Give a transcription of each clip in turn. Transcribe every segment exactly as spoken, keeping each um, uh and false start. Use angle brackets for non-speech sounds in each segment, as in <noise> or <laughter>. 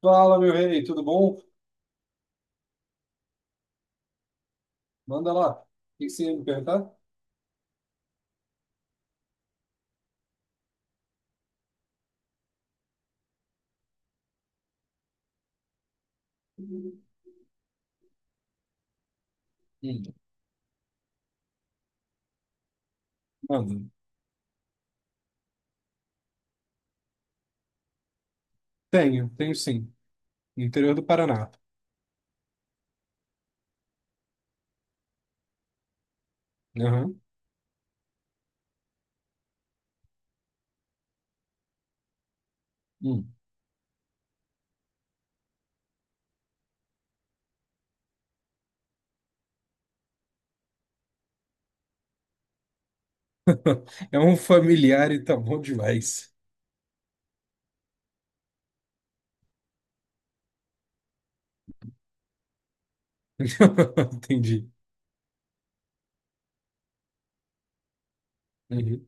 Fala, meu rei, tudo bom? Manda lá. O que que você ia me perguntar? Hum. Manda. Tenho, tenho sim. No interior do Paraná. Aham. Hum. <laughs> É um familiar e tá bom demais. <laughs> Entendi. Uhum.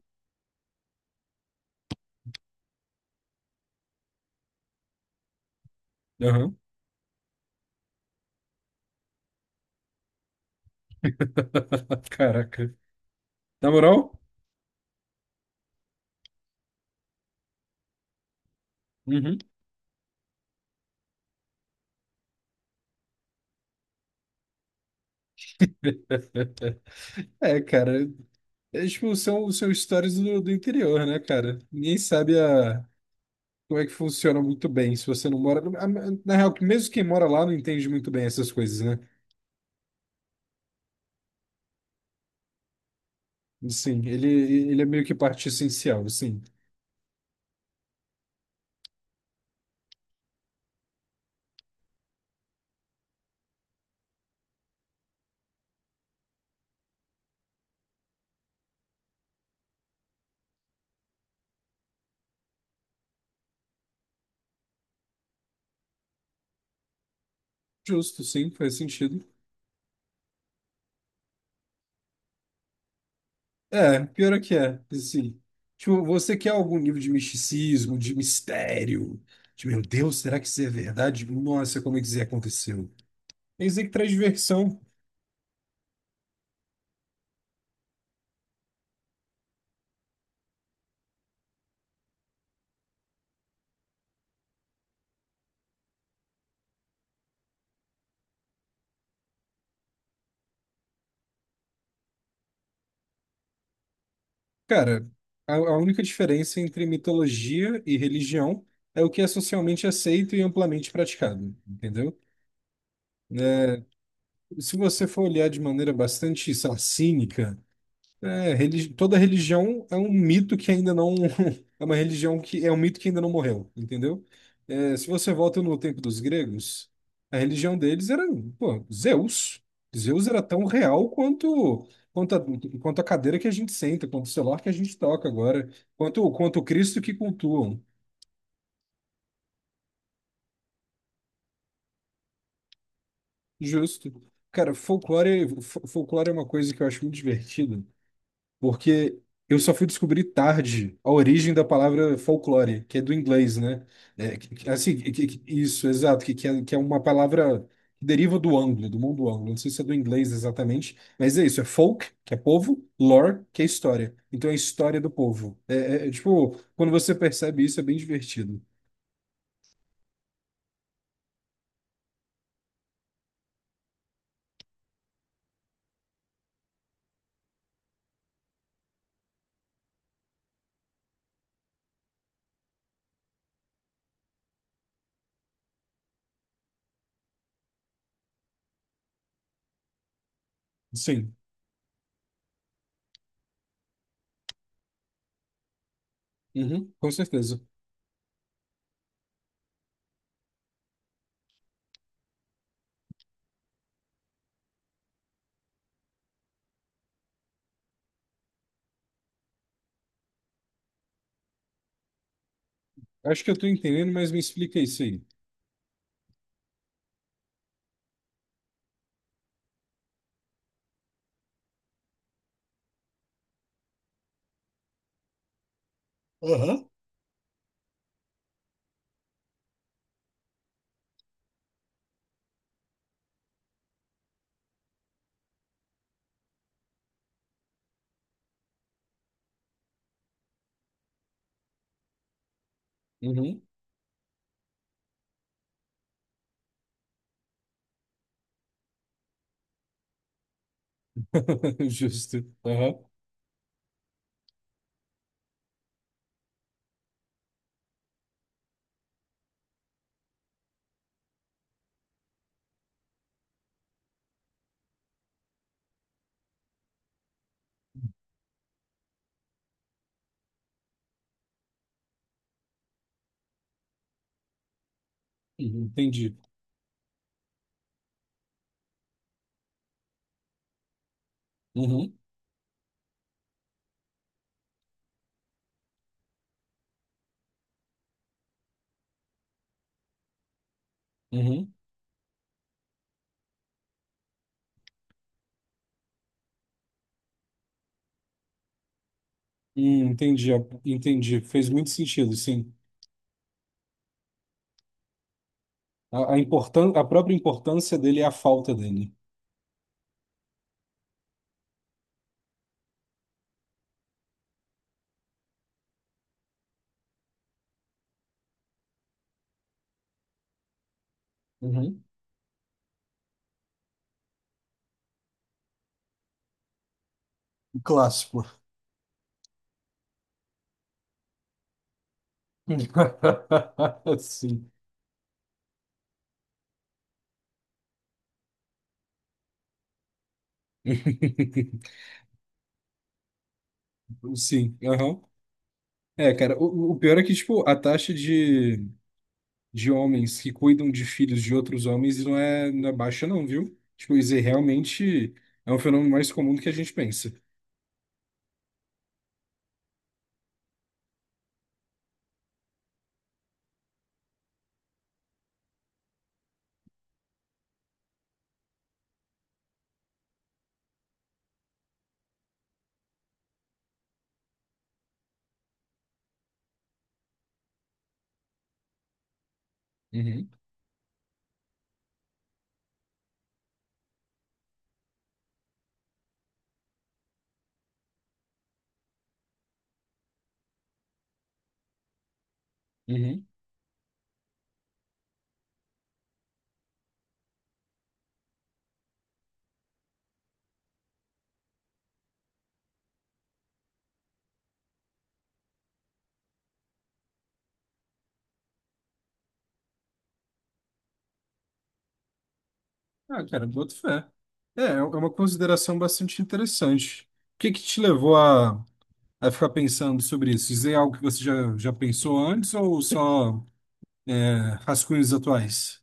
Aham. <laughs> Caraca. Na moral? Uhum. <laughs> É, cara. É, tipo, são, são histórias do, do interior, né, cara? Ninguém sabe a, como é que funciona muito bem se você não mora. a- Na real, mesmo quem mora lá não entende muito bem essas coisas, né? Sim, ele, ele é meio que parte essencial, sim. Justo, sim, faz sentido. É, pior é que é, sim. Tipo, você quer algum nível de misticismo, de mistério? De, meu Deus, será que isso é verdade? Nossa, como é que isso aconteceu? É isso aí que traz diversão. Cara, a, a única diferença entre mitologia e religião é o que é socialmente aceito e amplamente praticado, entendeu? Né? Se você for olhar de maneira bastante, sei lá, cínica, é, religi- toda religião é um mito que ainda não. <laughs> É uma religião que é um mito que ainda não morreu, entendeu? É, se você volta no tempo dos gregos, a religião deles era, pô, Zeus. Zeus era tão real quanto, quanto, a, quanto a cadeira que a gente senta, quanto o celular que a gente toca agora, quanto, quanto o Cristo que cultuam. Justo. Cara, folclore, fo- folclore é uma coisa que eu acho muito divertida porque eu só fui descobrir tarde a origem da palavra folclore, que é do inglês, né? É, que- que- assim, que- que- que- isso, exato, que, que, é, que é uma palavra que deriva do anglo, do mundo anglo. Não sei se é do inglês exatamente, mas é isso, é folk, que é povo, lore, que é história. Então é a história do povo. É, é, é, tipo, quando você percebe isso, é bem divertido. Sim. Uhum, com certeza. Acho que eu tô entendendo, mas me explica isso aí. Aham. Uhum. <laughs> Justo. Aham. Uhum, entendi. Uhum. Uhum. Hum, entendi, entendi. Fez muito sentido, sim. A, a, importan a própria importância dele é a falta dele. Uhum. Um clássico. <laughs> Sim. Sim, aham. É, cara, o, o pior é que, tipo, a taxa de, de homens que cuidam de filhos de outros homens não é, não é baixa, não, viu? Tipo, isso aí realmente é um fenômeno mais comum do que a gente pensa. Uhum. Uhum. Ah, cara, boto fé. É, é um, é uma consideração bastante interessante. O que que te levou a, a ficar pensando sobre isso? Dizer algo que você já, já pensou antes ou só é, rascunhos atuais?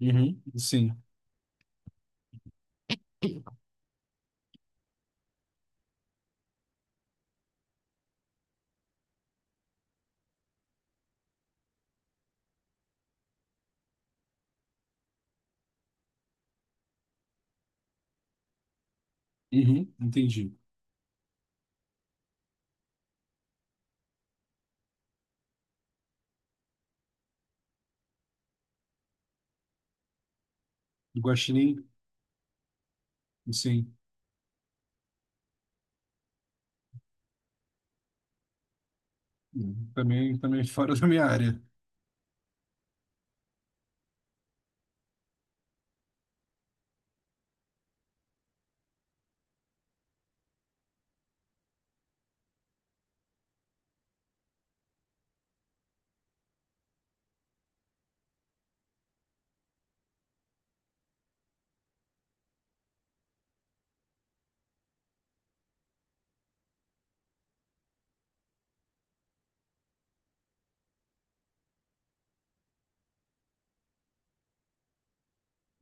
Uhum. Sim. Uhum. Entendi. Guaxinim, sim. Uhum. Também, também fora <laughs> da minha área.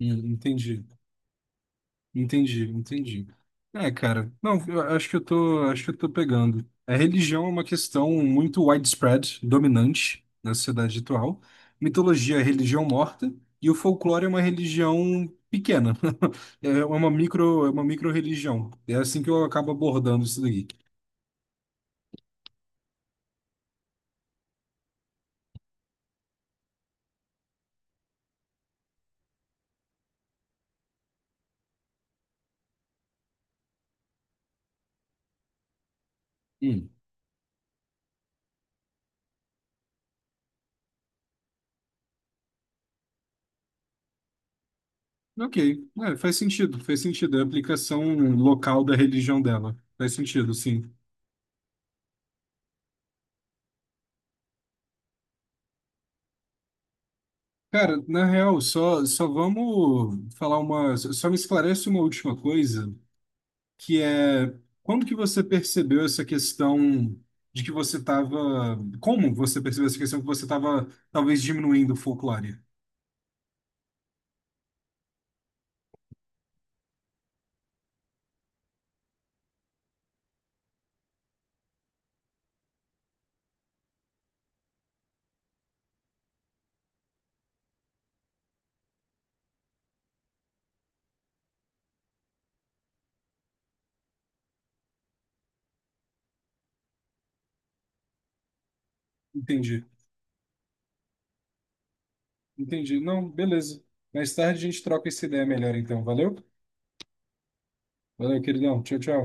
Uhum. Entendi. Entendi, entendi. É, cara, não, eu acho que eu tô, acho que eu tô pegando. A religião é uma questão muito widespread, dominante na sociedade atual. Mitologia é religião morta e o folclore é uma religião pequena. <laughs> É uma micro, é uma micro-religião. É assim que eu acabo abordando isso daqui. Hum. Ok, é, faz sentido, faz sentido. É a aplicação local da religião dela. Faz sentido, sim. Cara, na real, só, só vamos falar uma. Só me esclarece uma última coisa, que é quando que você percebeu essa questão de que você estava. Como você percebeu essa questão que você estava talvez diminuindo o folclore? Entendi, entendi. Não, beleza. Mais tarde a gente troca essa ideia melhor, então. Valeu? Valeu, queridão. Tchau, tchau.